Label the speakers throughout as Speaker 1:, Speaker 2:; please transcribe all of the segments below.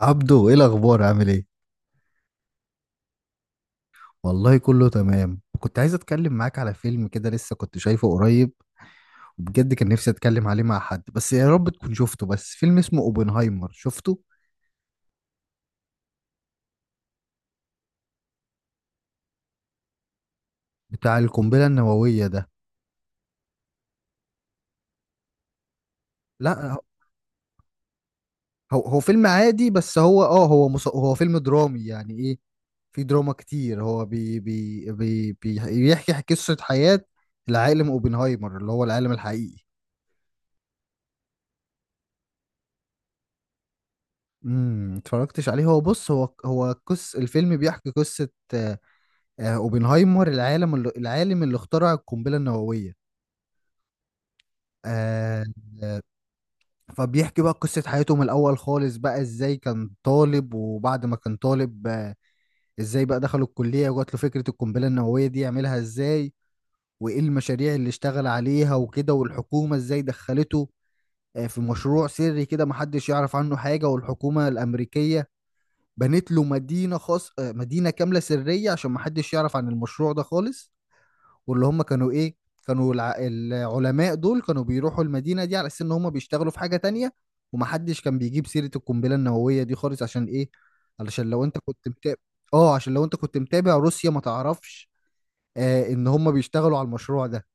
Speaker 1: عبدو، ايه الاخبار؟ عامل ايه؟ والله كله تمام. كنت عايز اتكلم معاك على فيلم كده لسه كنت شايفه قريب، وبجد كان نفسي اتكلم عليه مع حد. بس يا رب تكون شفته، بس فيلم اسمه اوبنهايمر. شفته؟ بتاع القنبلة النووية ده. لا هو فيلم عادي. بس هو اه هو مص... هو فيلم درامي، يعني ايه؟ في دراما كتير. هو بي بي بي بي- بيحكي قصة حياة العالم اوبنهايمر، اللي هو العالم الحقيقي. اتفرجتش عليه؟ هو بص، هو قص الفيلم بيحكي قصة اوبنهايمر، العالم اللي اخترع القنبله النوويه. آه. فبيحكي بقى قصه حياته من الاول خالص، بقى ازاي كان طالب، وبعد ما كان طالب، ازاي بقى دخل الكليه وجات له فكره القنبله النوويه دي يعملها ازاي، وايه المشاريع اللي اشتغل عليها وكده، والحكومه ازاي دخلته في مشروع سري كده، محدش يعرف عنه حاجه. والحكومه الامريكيه بنت له مدينه خاص، مدينه كامله سريه عشان محدش يعرف عن المشروع ده خالص. واللي هم كانوا ايه، كانوا العلماء دول كانوا بيروحوا المدينة دي على اساس ان هم بيشتغلوا في حاجة تانية. ومحدش كان بيجيب سيرة القنبلة النووية دي خالص. عشان ايه؟ علشان لو انت كنت متابع، اه، عشان لو انت كنت متابع، روسيا ما تعرفش ان هم بيشتغلوا على المشروع ده.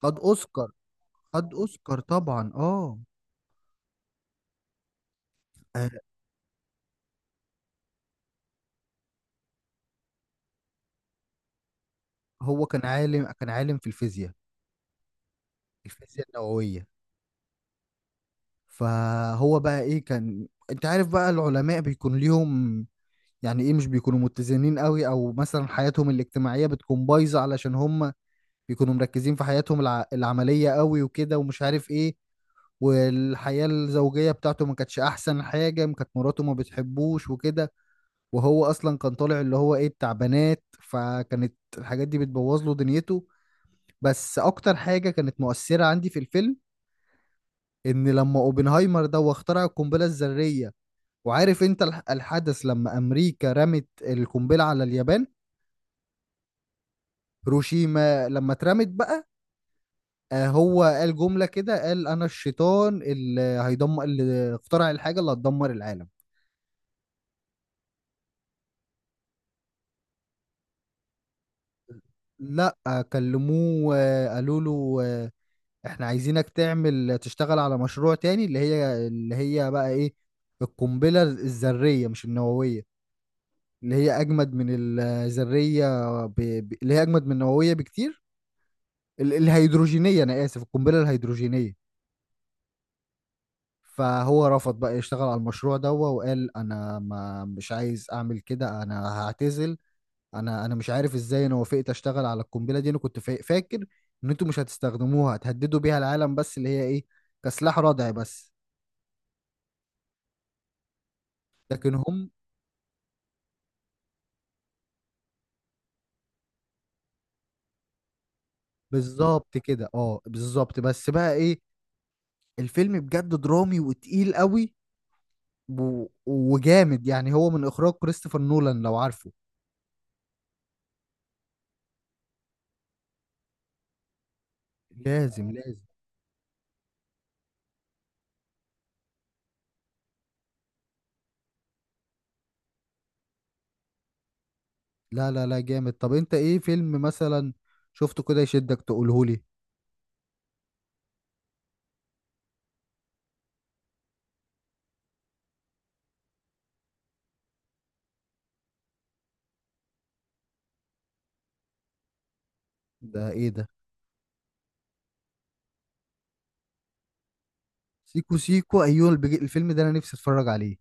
Speaker 1: خد اوسكار. خد اوسكار طبعا، اه. آه، هو كان عالم، كان عالم في الفيزياء، الفيزياء النووية. فهو بقى ايه، كان، انت عارف بقى العلماء بيكون ليهم، يعني ايه، مش بيكونوا متزنين قوي، او مثلا حياتهم الاجتماعية بتكون بايظة، علشان هم بيكونوا مركزين في حياتهم العملية قوي وكده، ومش عارف ايه. والحياة الزوجية بتاعته ما كانتش احسن حاجة، ما كانت مراته ما بتحبوش وكده. وهو اصلا كان طالع اللي هو ايه، بتاع بنات، فكانت الحاجات دي بتبوظ له دنيته. بس اكتر حاجة كانت مؤثرة عندي في الفيلم، ان لما اوبنهايمر ده هو اخترع القنبلة الذرية، وعارف انت الحدث لما امريكا رمت القنبلة على اليابان. هيروشيما لما اترمت بقى، هو قال جملة كده، قال: أنا الشيطان اللي هيدمر، اللي اخترع الحاجة اللي هتدمر العالم. لا، كلموه، قالوا له، احنا عايزينك تعمل، تشتغل على مشروع تاني، اللي هي بقى ايه، القنبلة الذرية، مش النووية. اللي هي أجمد من الذرية، اللي هي أجمد من النووية بكتير، الهيدروجينية، أنا آسف، القنبلة الهيدروجينية. فهو رفض بقى يشتغل على المشروع ده، وقال: انا ما مش عايز اعمل كده، انا هعتزل. انا مش عارف ازاي انا وافقت اشتغل على القنبله دي. انا كنت فاكر ان انتوا مش هتستخدموها، هتهددوا بيها العالم بس، اللي هي ايه، كسلاح ردع بس. لكن هم بالظبط كده، اه، بالظبط. بس بقى ايه، الفيلم بجد درامي وتقيل قوي وجامد. يعني هو من اخراج كريستوفر نولان، لو عارفه. لازم، لازم. لا لا لا، جامد. طب انت ايه فيلم مثلا شفته كده يشدك، تقولهولي؟ ده ايه ده؟ سيكو سيكو، ايوه. الفيلم ده انا نفسي اتفرج عليه.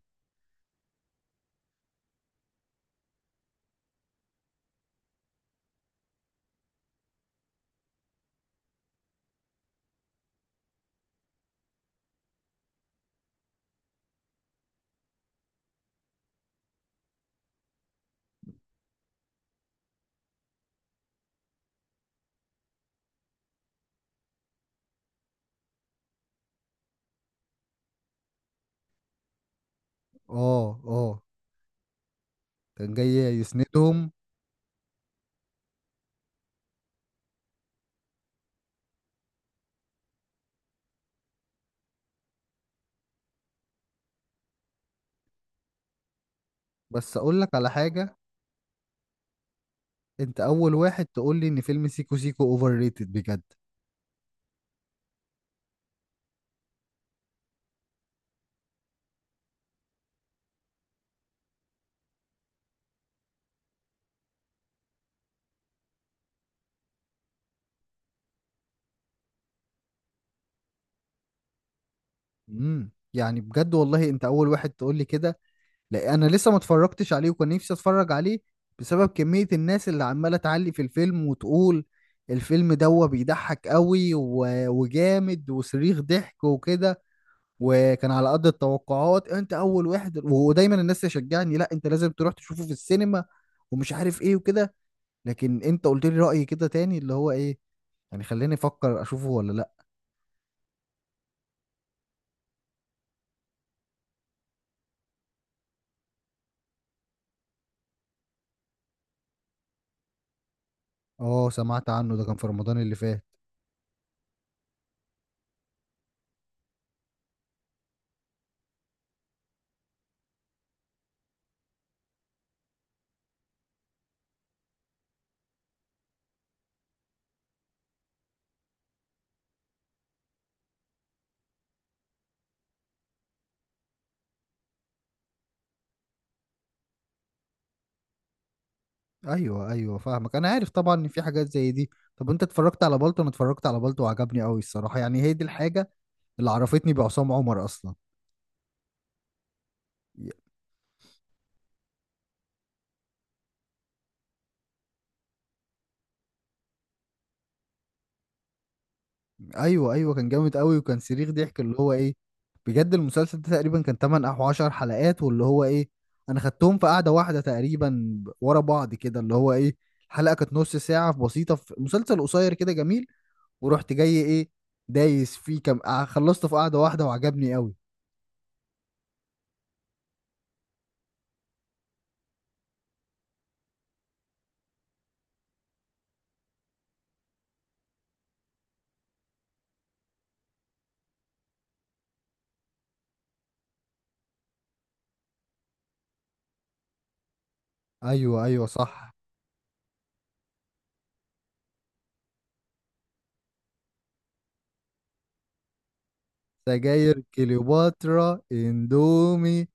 Speaker 1: اه، اه، كان جاي يسندهم. بس اقول لك على حاجة، انت اول واحد تقول لي ان فيلم سيكو سيكو اوفر ريتد بجد. يعني بجد والله، انت اول واحد تقول لي كده. لا انا لسه ما اتفرجتش عليه، وكان نفسي اتفرج عليه بسبب كمية الناس اللي عمالة تعلي في الفيلم، وتقول الفيلم ده بيضحك قوي وجامد وصريخ ضحك وكده، وكان على قد التوقعات. انت اول واحد. ودايما الناس تشجعني: لا انت لازم تروح تشوفه في السينما ومش عارف ايه وكده. لكن انت قلت لي رأي كده تاني، اللي هو ايه، يعني خليني افكر اشوفه ولا لا. اه، سمعت عنه، ده كان في رمضان اللي فات. ايوه ايوه، فاهمك، انا عارف طبعا ان في حاجات زي دي. طب انت اتفرجت على بالطو؟ انا اتفرجت على بالطو وعجبني قوي الصراحه. يعني هي دي الحاجه اللي عرفتني بعصام عمر اصلا. ي- ايوه ايوه، كان جامد قوي، وكان صريخ ضحك. اللي هو ايه، بجد المسلسل ده تقريبا كان 8 او 10 حلقات، واللي هو ايه، انا خدتهم في قعده واحده تقريبا، ورا بعض كده. اللي هو ايه، الحلقه كانت نص ساعه بسيطه، في مسلسل قصير كده جميل، ورحت جاي ايه، دايس فيه كم خلصته في قعده واحده وعجبني قوي. ايوه ايوه، صح. سجاير كليوباترا اندومي.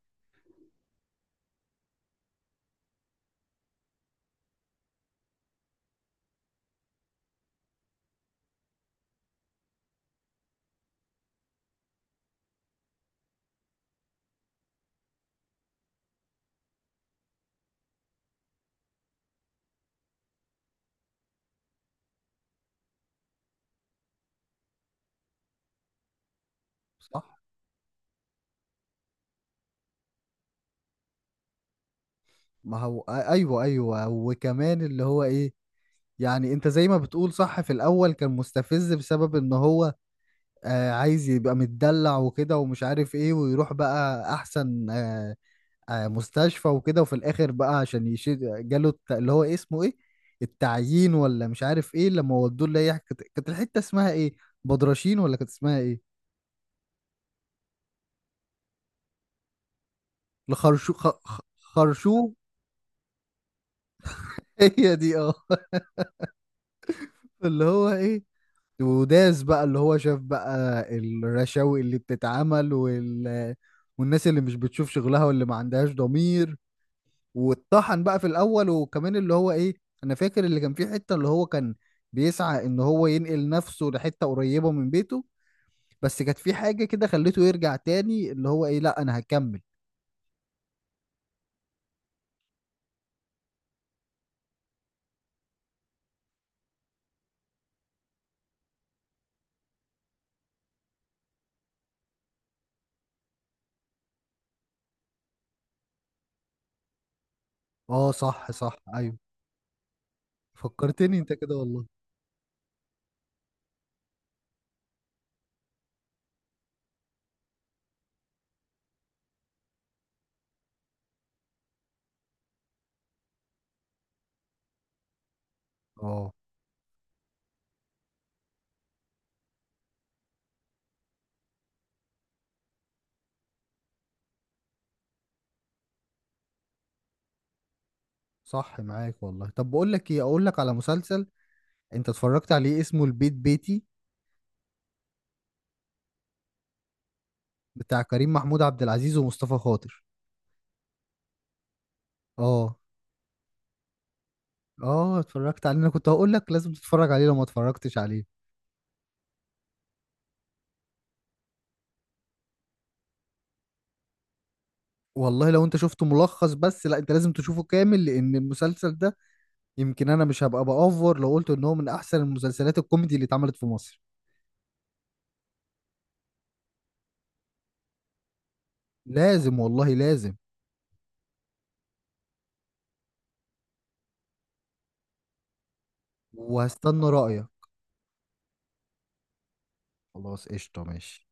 Speaker 1: صح. ما هو ايوه ايوه، وكمان اللي هو ايه، يعني انت زي ما بتقول، صح، في الاول كان مستفز بسبب ان هو، آه، عايز يبقى متدلع وكده، ومش عارف ايه، ويروح بقى احسن مستشفى وكده. وفي الاخر بقى، عشان يشيل جاله اللي هو إيه، اسمه ايه، التعيين، ولا مش عارف ايه. لما ودوه، اللي هي كانت الحتة اسمها ايه، بدرشين ولا كانت اسمها ايه، لخرشو خ... خ- خرشوم. هي دي، اه. اللي هو ايه، وداس بقى، اللي هو شاف بقى الرشاوي اللي بتتعمل والناس اللي مش بتشوف شغلها واللي ما عندهاش ضمير، واتطحن بقى في الاول. وكمان اللي هو ايه، انا فاكر اللي كان فيه حتة، اللي هو كان بيسعى ان هو ينقل نفسه لحتة قريبة من بيته، بس كانت في حاجة كده خليته يرجع تاني. اللي هو ايه، لا انا هكمل. اه، صح صح، ايوه، فكرتني انت كده والله. اه، صح، معاك والله. طب بقول لك ايه، اقول لك على مسلسل، انت اتفرجت عليه اسمه البيت بيتي؟ بتاع كريم محمود عبد العزيز ومصطفى خاطر. اه. اه، اتفرجت عليه؟ انا كنت هقول لك لازم تتفرج عليه لو ما اتفرجتش عليه. والله لو انت شفته ملخص بس، لا، انت لازم تشوفه كامل، لان المسلسل ده يمكن انا مش هبقى بأوفر لو قلت ان هو من احسن المسلسلات الكوميدي اللي اتعملت في مصر. لازم والله، لازم. وهستنى رأيك. خلاص، قشطة، ماشي.